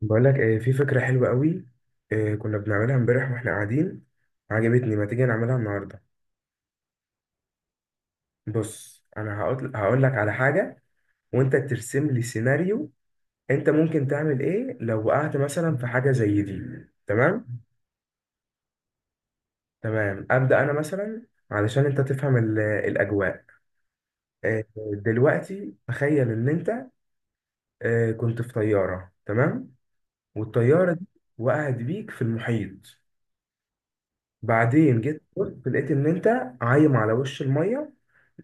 بقول لك ايه، في فكرة حلوة قوي. إيه كنا بنعملها امبارح واحنا قاعدين، عجبتني. ما تيجي نعملها النهاردة؟ بص، انا هقول لك على حاجة، وانت ترسم لي سيناريو. انت ممكن تعمل ايه لو وقعت مثلا في حاجة زي دي؟ تمام. تمام، ابدأ انا مثلا، علشان انت تفهم الاجواء. إيه، دلوقتي تخيل ان انت كنت في طيارة، تمام، والطيارة دي وقعت بيك في المحيط. بعدين جيت بص، لقيت ان انت عايم على وش المية.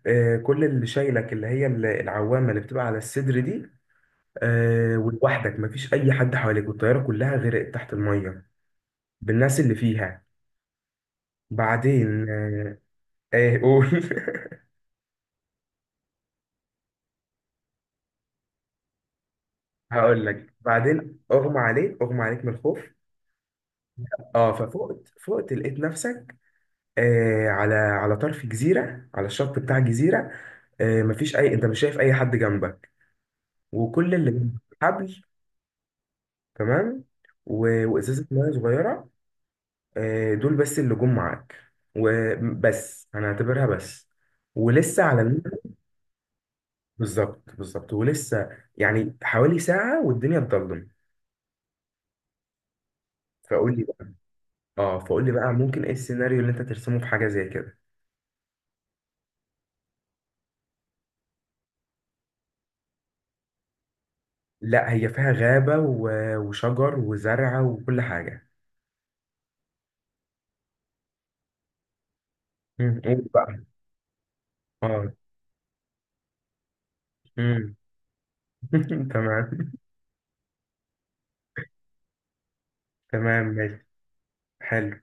كل اللي شايلك اللي هي العوامه اللي بتبقى على الصدر دي. ولوحدك، مفيش اي حد حواليك، والطياره كلها غرقت تحت الميه بالناس اللي فيها. بعدين ايه، قول. هقول لك. بعدين اغمى عليك من الخوف. اه، فقت لقيت نفسك على طرف جزيره، على الشط بتاع جزيره. مفيش اي، انت مش شايف اي حد جنبك، وكل اللي جنبك حبل. تمام، وازازه ميه صغيره. دول بس اللي جم معاك، وبس انا هعتبرها بس، ولسه على النت. بالظبط ولسه، يعني حوالي ساعة والدنيا اتضلم. فقول لي بقى، اه فقول لي بقى ممكن ايه السيناريو اللي انت ترسمه في حاجة زي كده. لا، هي فيها غابة وشجر وزرع وكل حاجة. مم، قول بقى. اه. مم. تمام. تمام ماشي. حلو.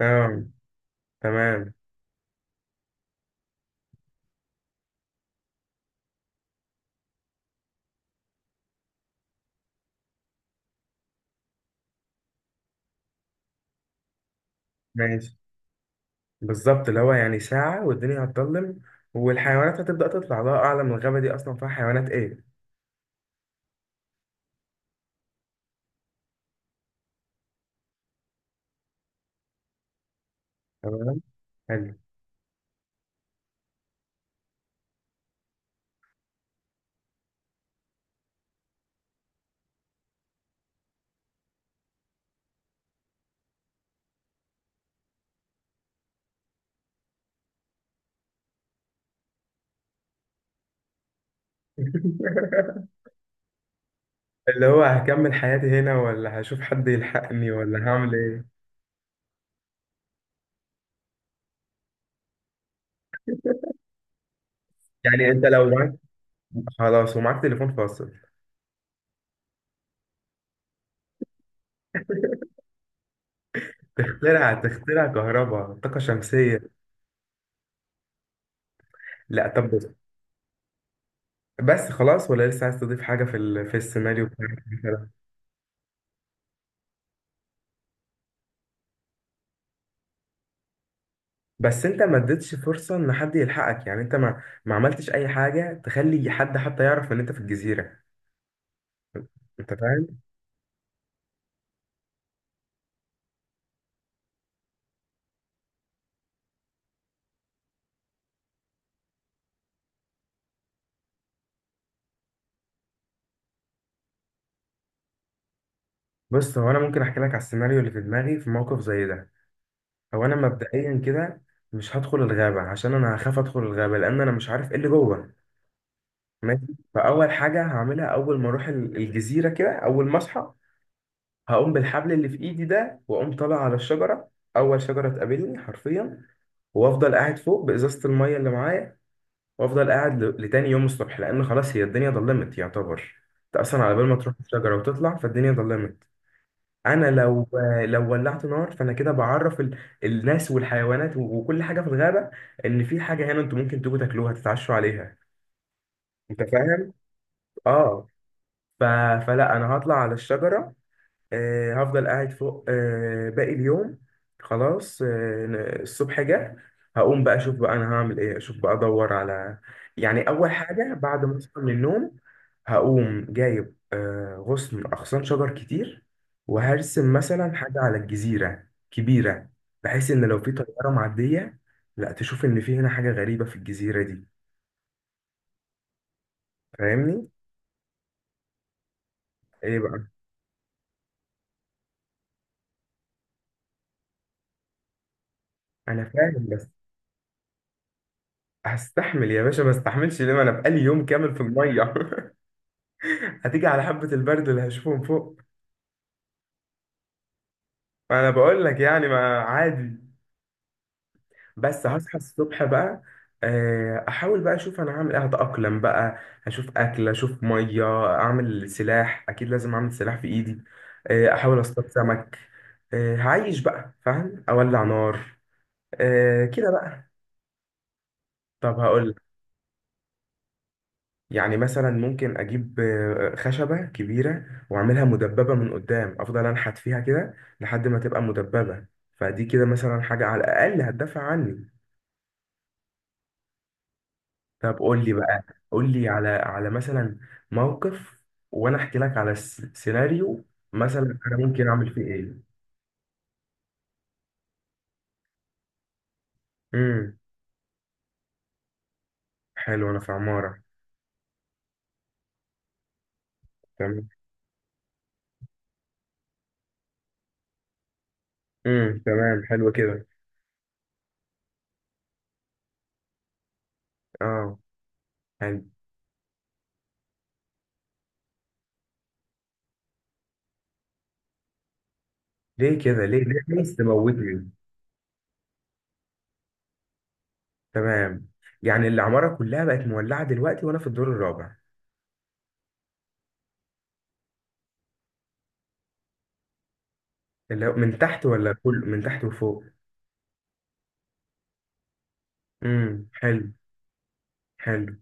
اه. تمام ماشي. بالظبط، اللي هو يعني ساعة والدنيا هتضلم، والحيوانات هتبدأ تطلع، الله أعلم الغابة دي أصلا فيها حيوانات إيه. تمام. حلو. اللي هو هكمل حياتي هنا، ولا هشوف حد يلحقني، ولا هعمل إيه. يعني أنت لو معاك، خلاص، ومعاك تليفون فاصل. تخترع كهرباء طاقة شمسية. لا طب بص. بس خلاص، ولا لسه عايز تضيف حاجة في في السيناريو بتاعك مثلا؟ بس أنت ما اديتش فرصة إن حد يلحقك، يعني أنت ما عملتش أي حاجة تخلي حد حتى يعرف إن أنت في الجزيرة. انت فاهم؟ بص، هو انا ممكن احكي لك على السيناريو اللي في دماغي في موقف زي ده. هو انا مبدئيا كده مش هدخل الغابه، عشان انا هخاف ادخل الغابه، لان انا مش عارف ايه اللي جوه. ماشي. فاول حاجه هعملها اول ما اروح الجزيره كده، اول ما اصحى، هقوم بالحبل اللي في ايدي ده، واقوم طالع على الشجره. اول شجره تقابلني حرفيا، وافضل قاعد فوق بازازه الميه اللي معايا. وافضل قاعد لتاني يوم الصبح، لان خلاص هي الدنيا ضلمت يعتبر. انت اصلا على بال ما تروح الشجره وتطلع، فالدنيا ضلمت. انا لو، لو ولعت نار، فانا كده بعرف الناس والحيوانات وكل حاجه في الغابه، ان في حاجه هنا، انتوا ممكن تيجوا تاكلوها تتعشوا عليها. انت فاهم؟ اه. ف... فلا، انا هطلع على الشجره. هفضل قاعد فوق باقي اليوم. خلاص، الصبح جه. هقوم بقى اشوف بقى انا هعمل ايه، اشوف بقى ادور على، يعني اول حاجه بعد ما اصحى من النوم. هقوم جايب اغصان شجر كتير، وهرسم مثلا حاجه على الجزيره كبيره، بحيث ان لو في طياره معديه، لا تشوف ان في هنا حاجه غريبه في الجزيره دي. فاهمني؟ ايه بقى؟ انا فاهم بس. هستحمل يا باشا، ما استحملش ليه؟ ما انا بقالي يوم كامل في الميه. هتيجي على حبة البرد اللي هشوفه من فوق. انا بقول لك يعني، ما عادي. بس هصحى الصبح بقى، احاول بقى اشوف انا هعمل ايه، هتأقلم بقى، هشوف اكل، اشوف مية، اعمل سلاح، اكيد لازم اعمل سلاح في ايدي. احاول اصطاد سمك. هعيش بقى، فاهم، اولع نار. كده بقى. طب هقول، يعني مثلا ممكن اجيب خشبة كبيرة واعملها مدببة من قدام، افضل انحت فيها كده لحد ما تبقى مدببة. فدي كده مثلا حاجة على الاقل هتدافع عني. طب قول لي بقى، قول لي على، على مثلا موقف، وانا احكي لك على سيناريو مثلا انا ممكن اعمل فيه ايه. امم، حلو، انا في عمارة. تمام. تمام حلو كده. اه يعني، ليه كده، ليه عايز تموتني؟ تمام، يعني العمارة كلها بقت مولعة دلوقتي، وانا في الدور الرابع. اللي هو من تحت، ولا كله من تحت وفوق؟ امم، حلو. حلو.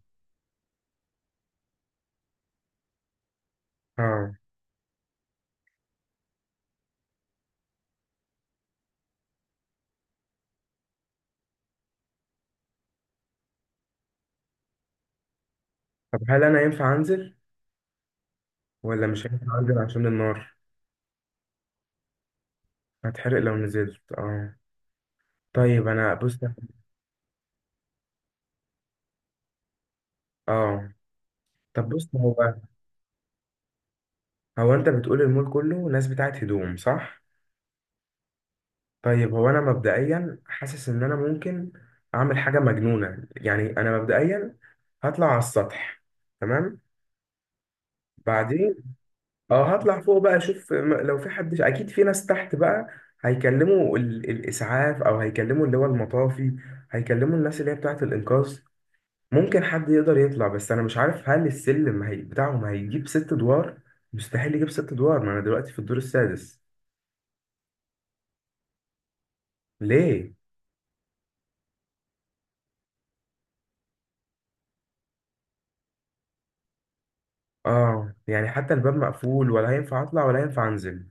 اه. طب هل انا ينفع انزل، ولا مش هينفع انزل عشان النار؟ هتحرق لو نزلت، اه. طيب انا بص، اه. طب بص، هو انت بتقول المول كله ناس بتاعت هدوم، صح؟ طيب، هو انا مبدئيا حاسس ان انا ممكن اعمل حاجة مجنونة. يعني انا مبدئيا هطلع على السطح. تمام. بعدين اه، هطلع فوق بقى اشوف لو في حد، اكيد في ناس تحت بقى هيكلموا الاسعاف، او هيكلموا اللي هو المطافي، هيكلموا الناس اللي هي بتاعه الانقاذ. ممكن حد يقدر يطلع، بس انا مش عارف هل السلم بتاعهم هيجيب ست ادوار. مستحيل يجيب ست ادوار، ما انا دلوقتي في الدور السادس. ليه؟ اه يعني، حتى الباب مقفول؟ ولا هينفع اطلع ولا هينفع انزل.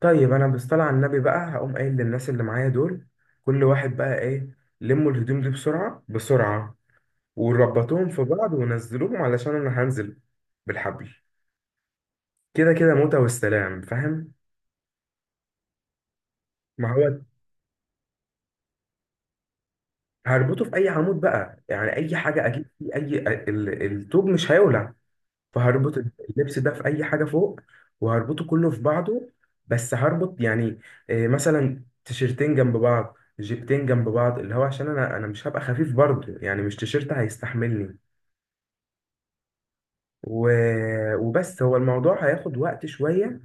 طيب انا بصطلع على النبي بقى، هقوم قايل للناس اللي معايا دول كل واحد بقى ايه، لموا الهدوم دي بسرعة بسرعة، وربطوهم في بعض ونزلوهم علشان انا هنزل بالحبل. كده كده موتة والسلام، فاهم؟ ما هو هربطه في اي عمود بقى، يعني اي حاجه اجيب فيه اي، الطوب مش هيولع، فهربط اللبس ده في اي حاجه فوق، وهربطه كله في بعضه. بس هربط يعني مثلا تيشرتين جنب بعض، جيبتين جنب بعض، اللي هو عشان انا، مش هبقى خفيف برضه، يعني مش تيشرت هيستحملني. و... وبس، هو الموضوع هياخد وقت شوية،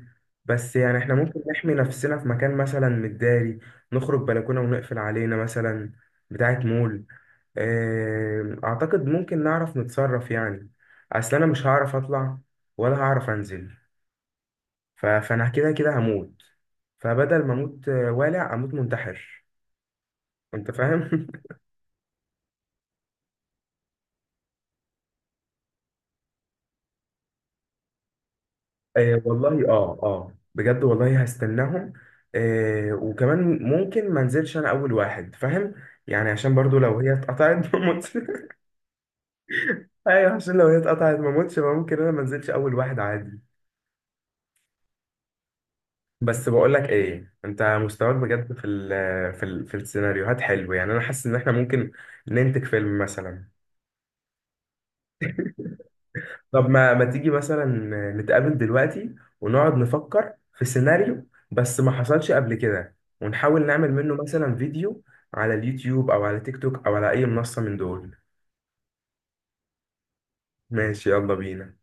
بس يعني احنا ممكن نحمي نفسنا في مكان مثلا متداري، نخرج بلكونة ونقفل علينا مثلا بتاعة مول. اعتقد ممكن نعرف نتصرف، يعني اصل انا مش هعرف اطلع، ولا هعرف انزل، فانا كده كده هموت، فبدل ما اموت والع اموت منتحر، انت فاهم؟ والله، اه اه بجد والله هستناهم. وكمان ممكن ما انزلش انا اول واحد، فاهم، يعني عشان برضو لو هي اتقطعت ما اموتش. ايوه، عشان لو هي اتقطعت ما اموتش، ممكن انا ما انزلش اول واحد، عادي. بس بقول لك ايه، انت مستواك بجد في السيناريوهات حلو، يعني انا حاسس ان احنا ممكن ننتج فيلم مثلا. طب ما تيجي مثلا نتقابل دلوقتي، ونقعد نفكر في سيناريو، بس ما حصلش قبل كده، ونحاول نعمل منه مثلا فيديو على اليوتيوب، او على تيك توك، او على اي منصة من دول. ماشي يلا بينا.